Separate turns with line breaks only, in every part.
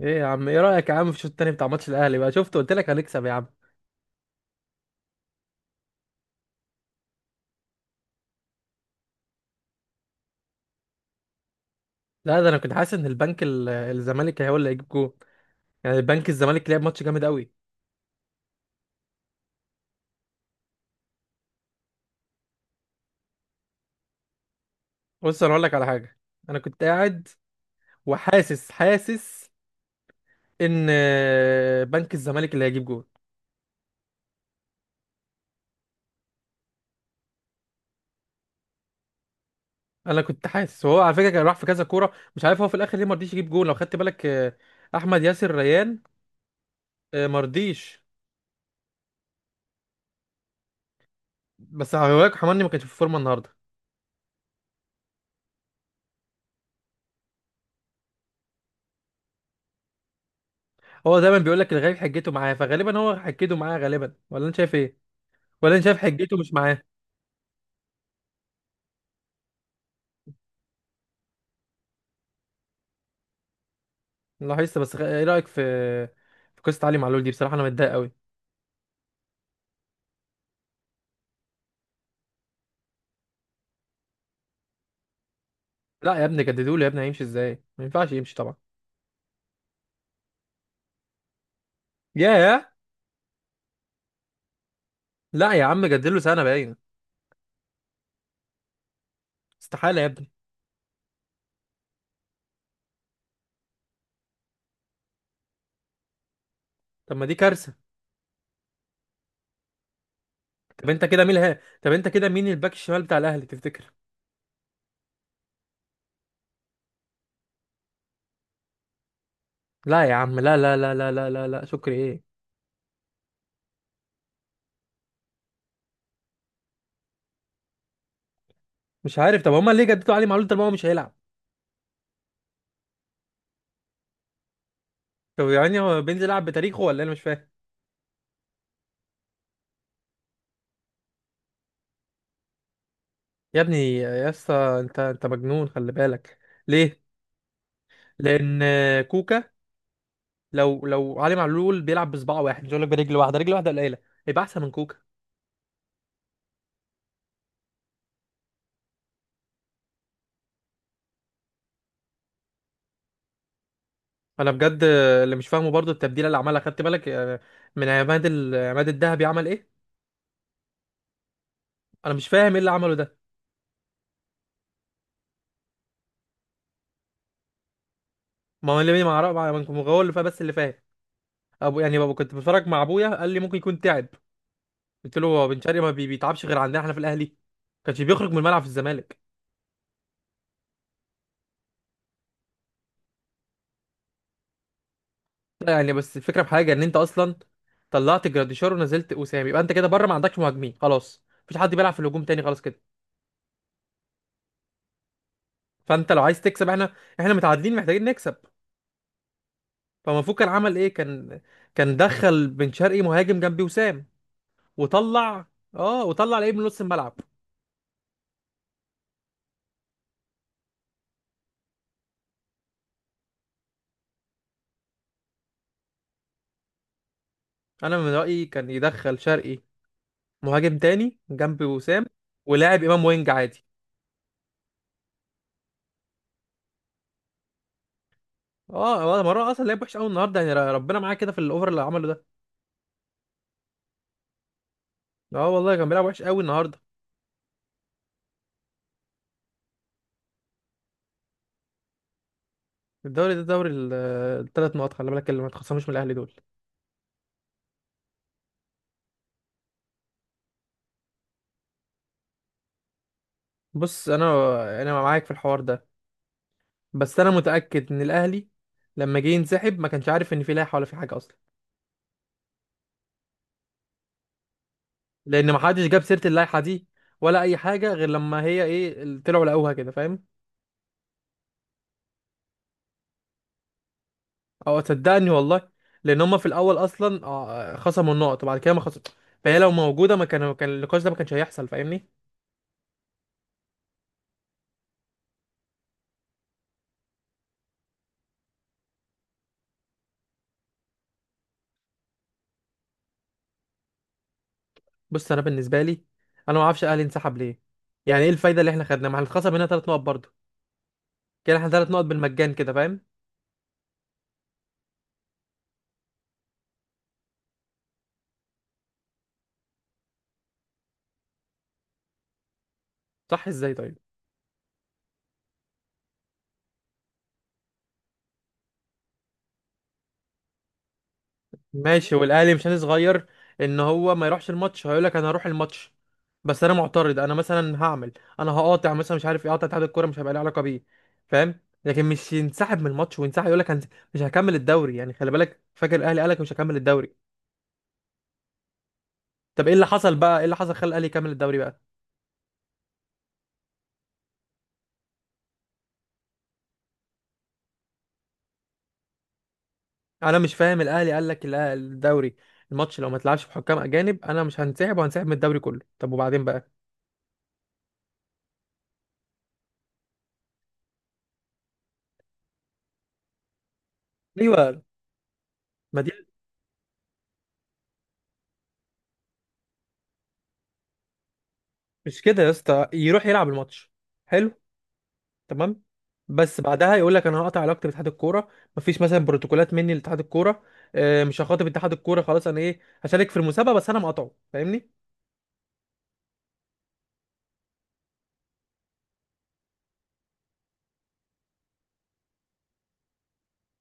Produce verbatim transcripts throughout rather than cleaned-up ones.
ايه يا عم، ايه رايك يا عم في الشوط التاني بتاع ماتش الاهلي؟ بقى شفت، قلت لك هنكسب يا عم. لا، ده انا كنت حاسس ان البنك ال- الزمالك هو اللي هيجيب جول. يعني البنك الزمالك لعب ماتش جامد قوي. بص، انا اقول لك على حاجه. انا كنت قاعد وحاسس حاسس ان آه، بنك الزمالك اللي هيجيب جول. انا كنت حاسس، وهو على فكره كان راح في كذا كوره، مش عارف هو في الاخر ليه ما رضيش يجيب جول لو خدت بالك، آه، احمد ياسر ريان. آه، ما رضيش. بس هقولك، حماني ما كانش في فورمه النهارده. هو دايما بيقول لك الغريب حجته معاه، فغالبا هو حجته معاه غالبا، ولا انت شايف ايه؟ ولا انا شايف حجته مش معاه؟ لاحظت، بس خ- ايه رايك في في قصه علي معلول دي؟ بصراحه انا متضايق قوي. لا يا ابني، جددوا له يا ابني، هيمشي ازاي؟ ما ينفعش يمشي طبعا. ياه. لا يا عم، جدد له سنه باين. استحاله يا ابني. طب ما دي كارثه. طب انت كده مين ها طب انت كده مين الباك الشمال بتاع الاهلي تفتكر؟ لا يا عم، لا، لا، لا، لا، لا، لا، لا، شكري ايه؟ مش عارف. طب هما ليه جددوا علي معلول طالما هو مش هيلعب؟ طب يعني هو بينزل يلعب بتاريخه ولا إيه؟ انا مش فاهم. يا ابني يا اسطى، انت انت مجنون، خلي بالك. ليه؟ لان. كوكا. لو لو علي معلول بيلعب بصباع واحد، مش هقول لك برجل واحده، رجل واحده قليله. يبقى احسن من كوكا؟ انا بجد. اللي مش فاهمه برضو التبديله اللي عملها، خدت بالك؟ آه، من عماد ال- عماد الذهبي، عمل ايه؟ انا مش فاهم ايه اللي عمله ده. ما هو اللي ما اعرف، ما هو اللي فاهم، بس اللي فاهم. ابو يعني بابا، كنت بتفرج مع ابويا، قال لي ممكن يكون تعب. قلت له: هو بن شرقي ما بي- بيتعبش غير عندنا احنا في الاهلي. كانش بيخرج من الملعب في الزمالك. لا، يعني بس الفكره في حاجه ان انت اصلا، طلعت جراديشار ونزلت وسام، يبقى انت كده بره، ما عندكش مهاجمين، خلاص مفيش حد بيلعب في الهجوم تاني، خلاص كده. فانت لو عايز تكسب، احنا، احنا متعادلين محتاجين نكسب. فمفروض كان عمل ايه؟ كان كان دخل بن شرقي مهاجم جنبي وسام، وطلع. اه، وطلع لعيب من نص الملعب. انا من رأيي كان يدخل شرقي مهاجم تاني جنبي وسام، ولاعب امام وينج عادي. اه والله، مرة اصلا لعب وحش قوي النهارده، يعني ر- ربنا معاه كده في الاوفر اللي عمله ده. اه والله، كان بيلعب وحش قوي النهارده. الدوري ده دوري الثلاث نقط، خلي بالك، اللي ما تخصموش من الاهلي دول. بص، انا انا معاك في الحوار ده. بس انا متاكد ان الاهلي لما جه ينسحب ما كانش عارف ان في لائحه ولا في حاجه اصلا. لان ما حدش جاب سيره اللائحه دي ولا اي حاجه، غير لما هي ايه ال- طلعوا لقوها كده، فاهم؟ او صدقني والله. لان هم في الاول اصلا آه، خصموا النقط، وبعد كده ما خصم. فهي لو موجوده ما كان كان النقاش ده ما كانش هيحصل، فاهمني؟ بص، انا بالنسبه لي، انا ما اعرفش الاهلي انسحب ليه. يعني ايه الفايده اللي احنا خدناها؟ ما احنا اتخصم هنا ثلاث نقط برضه. كده احنا ثلاث نقط بالمجان كده، فاهم؟ صح ازاي طيب؟ ماشي، والاهلي مش نادي صغير. ان هو ما يروحش الماتش، هيقول لك انا هروح الماتش. بس انا معترض، انا مثلا هعمل، انا هقاطع مثلا، مش عارف ايه، اقاطع اتحاد الكوره، مش هيبقى لي علاقه بيه، فاهم؟ لكن مش ينسحب من الماتش وينسحب يقول لك مش هكمل الدوري، يعني خلي بالك فاكر الاهلي قال لك مش هكمل الدوري. طب ايه اللي حصل بقى؟ ايه اللي حصل خلى الاهلي يكمل الدوري بقى؟ انا مش فاهم. الاهلي قال لك الأه- الدوري الماتش لو ما تلعبش بحكام اجانب انا مش هنسحب، وهنسحب من الدوري كله. طب وبعدين بقى؟ ايوه، ما دي، مش كده يا اسطى، يروح يلعب الماتش. حلو. تمام. بس بعدها يقول لك انا هقطع علاقتي باتحاد الكوره. مفيش مثلا بروتوكولات مني لاتحاد الكوره. آه، مش هخاطب اتحاد الكوره خلاص، انا ايه هشارك في المسابقه بس انا مقاطعه، فاهمني؟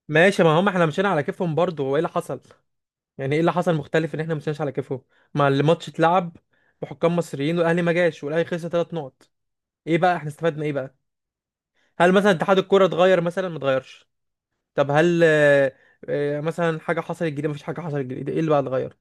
ماشي، ما هم احنا مشينا على كيفهم برضه، هو ايه اللي حصل؟ يعني ايه اللي حصل مختلف ان احنا مشيناش على كيفهم؟ ما الماتش اتلعب بحكام مصريين، والاهلي ما جاش، والاهلي خسر ثلاث نقط. ايه بقى؟ احنا استفدنا ايه بقى؟ هل مثلا اتحاد الكوره اتغير؟ مثلا ما اتغيرش. طب هل آه، آه، مثلا حاجه حصلت جديده؟ مفيش حاجه حصلت جديده، ايه اللي بقى اتغير؟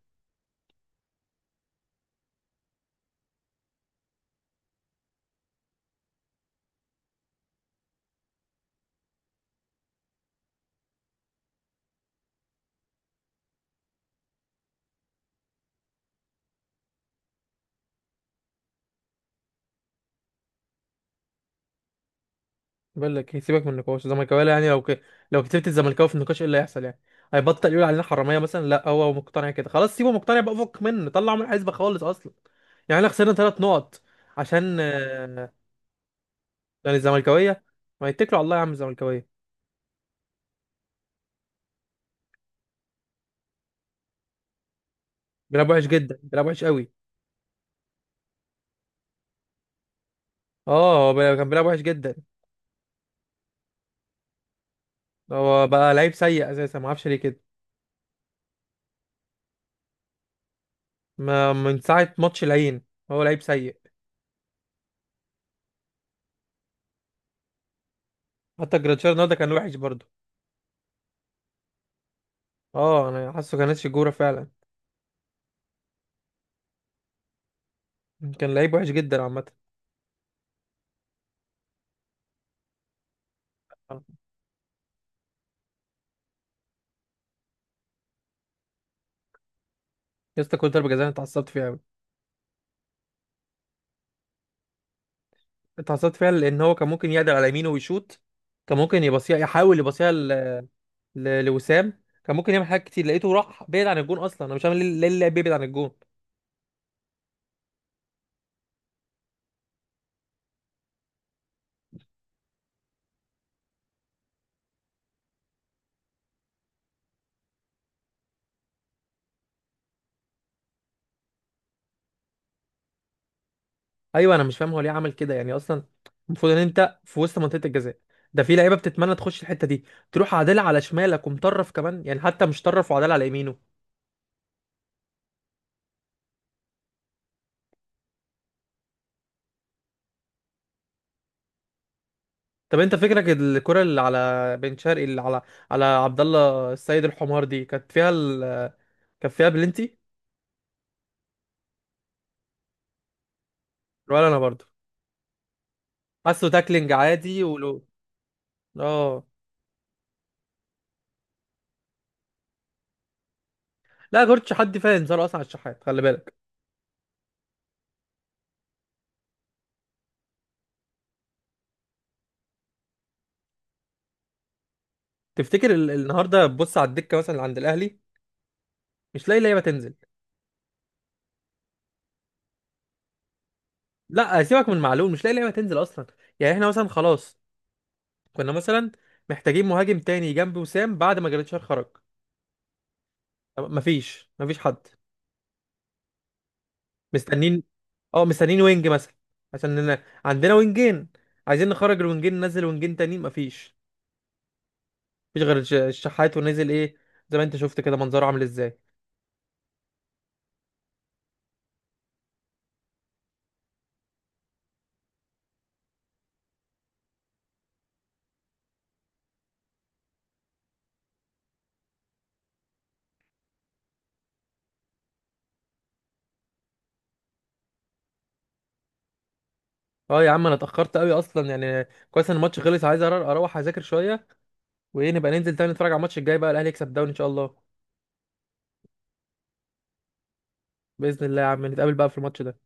بقول لك إيه، سيبك من النقاش الزملكاويه، يعني لو ك... لو كسبت الزملكاوي في النقاش ايه اللي هيحصل يعني؟ هيبطل يقول علينا حراميه مثلا؟ لا، هو مقتنع كده خلاص، سيبه مقتنع بقى، فك منه، طلعه من الحسبه خالص اصلا. يعني احنا خسرنا ثلاث نقط عشان آه، يعني الزملكاويه. ما يتكلوا على الله يا عم الزملكاويه. بيلعب وحش جدا، بيلعب وحش قوي. اه، هو بي- كان بيلعب وحش جدا. هو بقى لعيب سيء اساسا، ما اعرفش ليه كده. ما من ساعه ماتش العين. هو لعيب سيء. حتى جراتشار النهارده كان وحش برضه. اه، انا حاسه كان ناسي الجوره فعلا. كان لعيب وحش جدا عامه. يا اسطى، كل ضربه جزاء أنا اتعصبت فيها قوي. اتعصبت فيها لان هو كان ممكن يقدر على يمينه ويشوط. كان ممكن يبصيها، يحاول يبصيها ل... ل... لوسام، كان ممكن يعمل حاجات كتير، لقيته راح بعيد عن الجون اصلا، انا مش فاهم ليه ليه اللاعب بيبعد عن الجون. ايوه، انا مش فاهم هو ليه عمل كده يعني اصلا. المفروض ان انت في وسط منطقه الجزاء، ده في لعيبه بتتمنى تخش الحته دي. تروح عادله على شمالك ومطرف كمان، يعني حتى مش طرف وعادله على يمينه. طب انت فكرك الكره اللي على بن شرقي، اللي على على عبد الله السيد الحمار دي، كانت فيها ال... كانت فيها بلنتي؟ ولا انا برضه. حاسه تاكلينج عادي، ولو. اه. لا غيرتش حد فاهم؟ صار اصلا على الشحات، خلي بالك. تفتكر ال... النهارده بص على الدكه مثلا اللي عند الاهلي. مش لاقي لعيبه تنزل. لا سيبك من معلول، مش لاقي لعيبه تنزل اصلا. يعني احنا مثلا خلاص، كنا مثلا محتاجين مهاجم تاني جنب وسام بعد ما جريتشار خرج. طب مفيش مفيش حد مستنين. اه مستنين وينج مثلا، عشان إن- عندنا وينجين، عايزين نخرج الوينجين ننزل وينجين تانيين، مفيش. مفيش غير الش- الشحات، ونزل ايه؟ زي ما انت شفت كده منظره عامل ازاي. اه يا عم، انا اتاخرت قوي اصلا، يعني كويس ان الماتش خلص، عايز أر- اروح اذاكر شويه. وايه، نبقى ننزل تاني نتفرج على الماتش الجاي بقى، الاهلي يكسب الدوري ان شاء الله. باذن الله يا عم، نتقابل بقى في الماتش ده.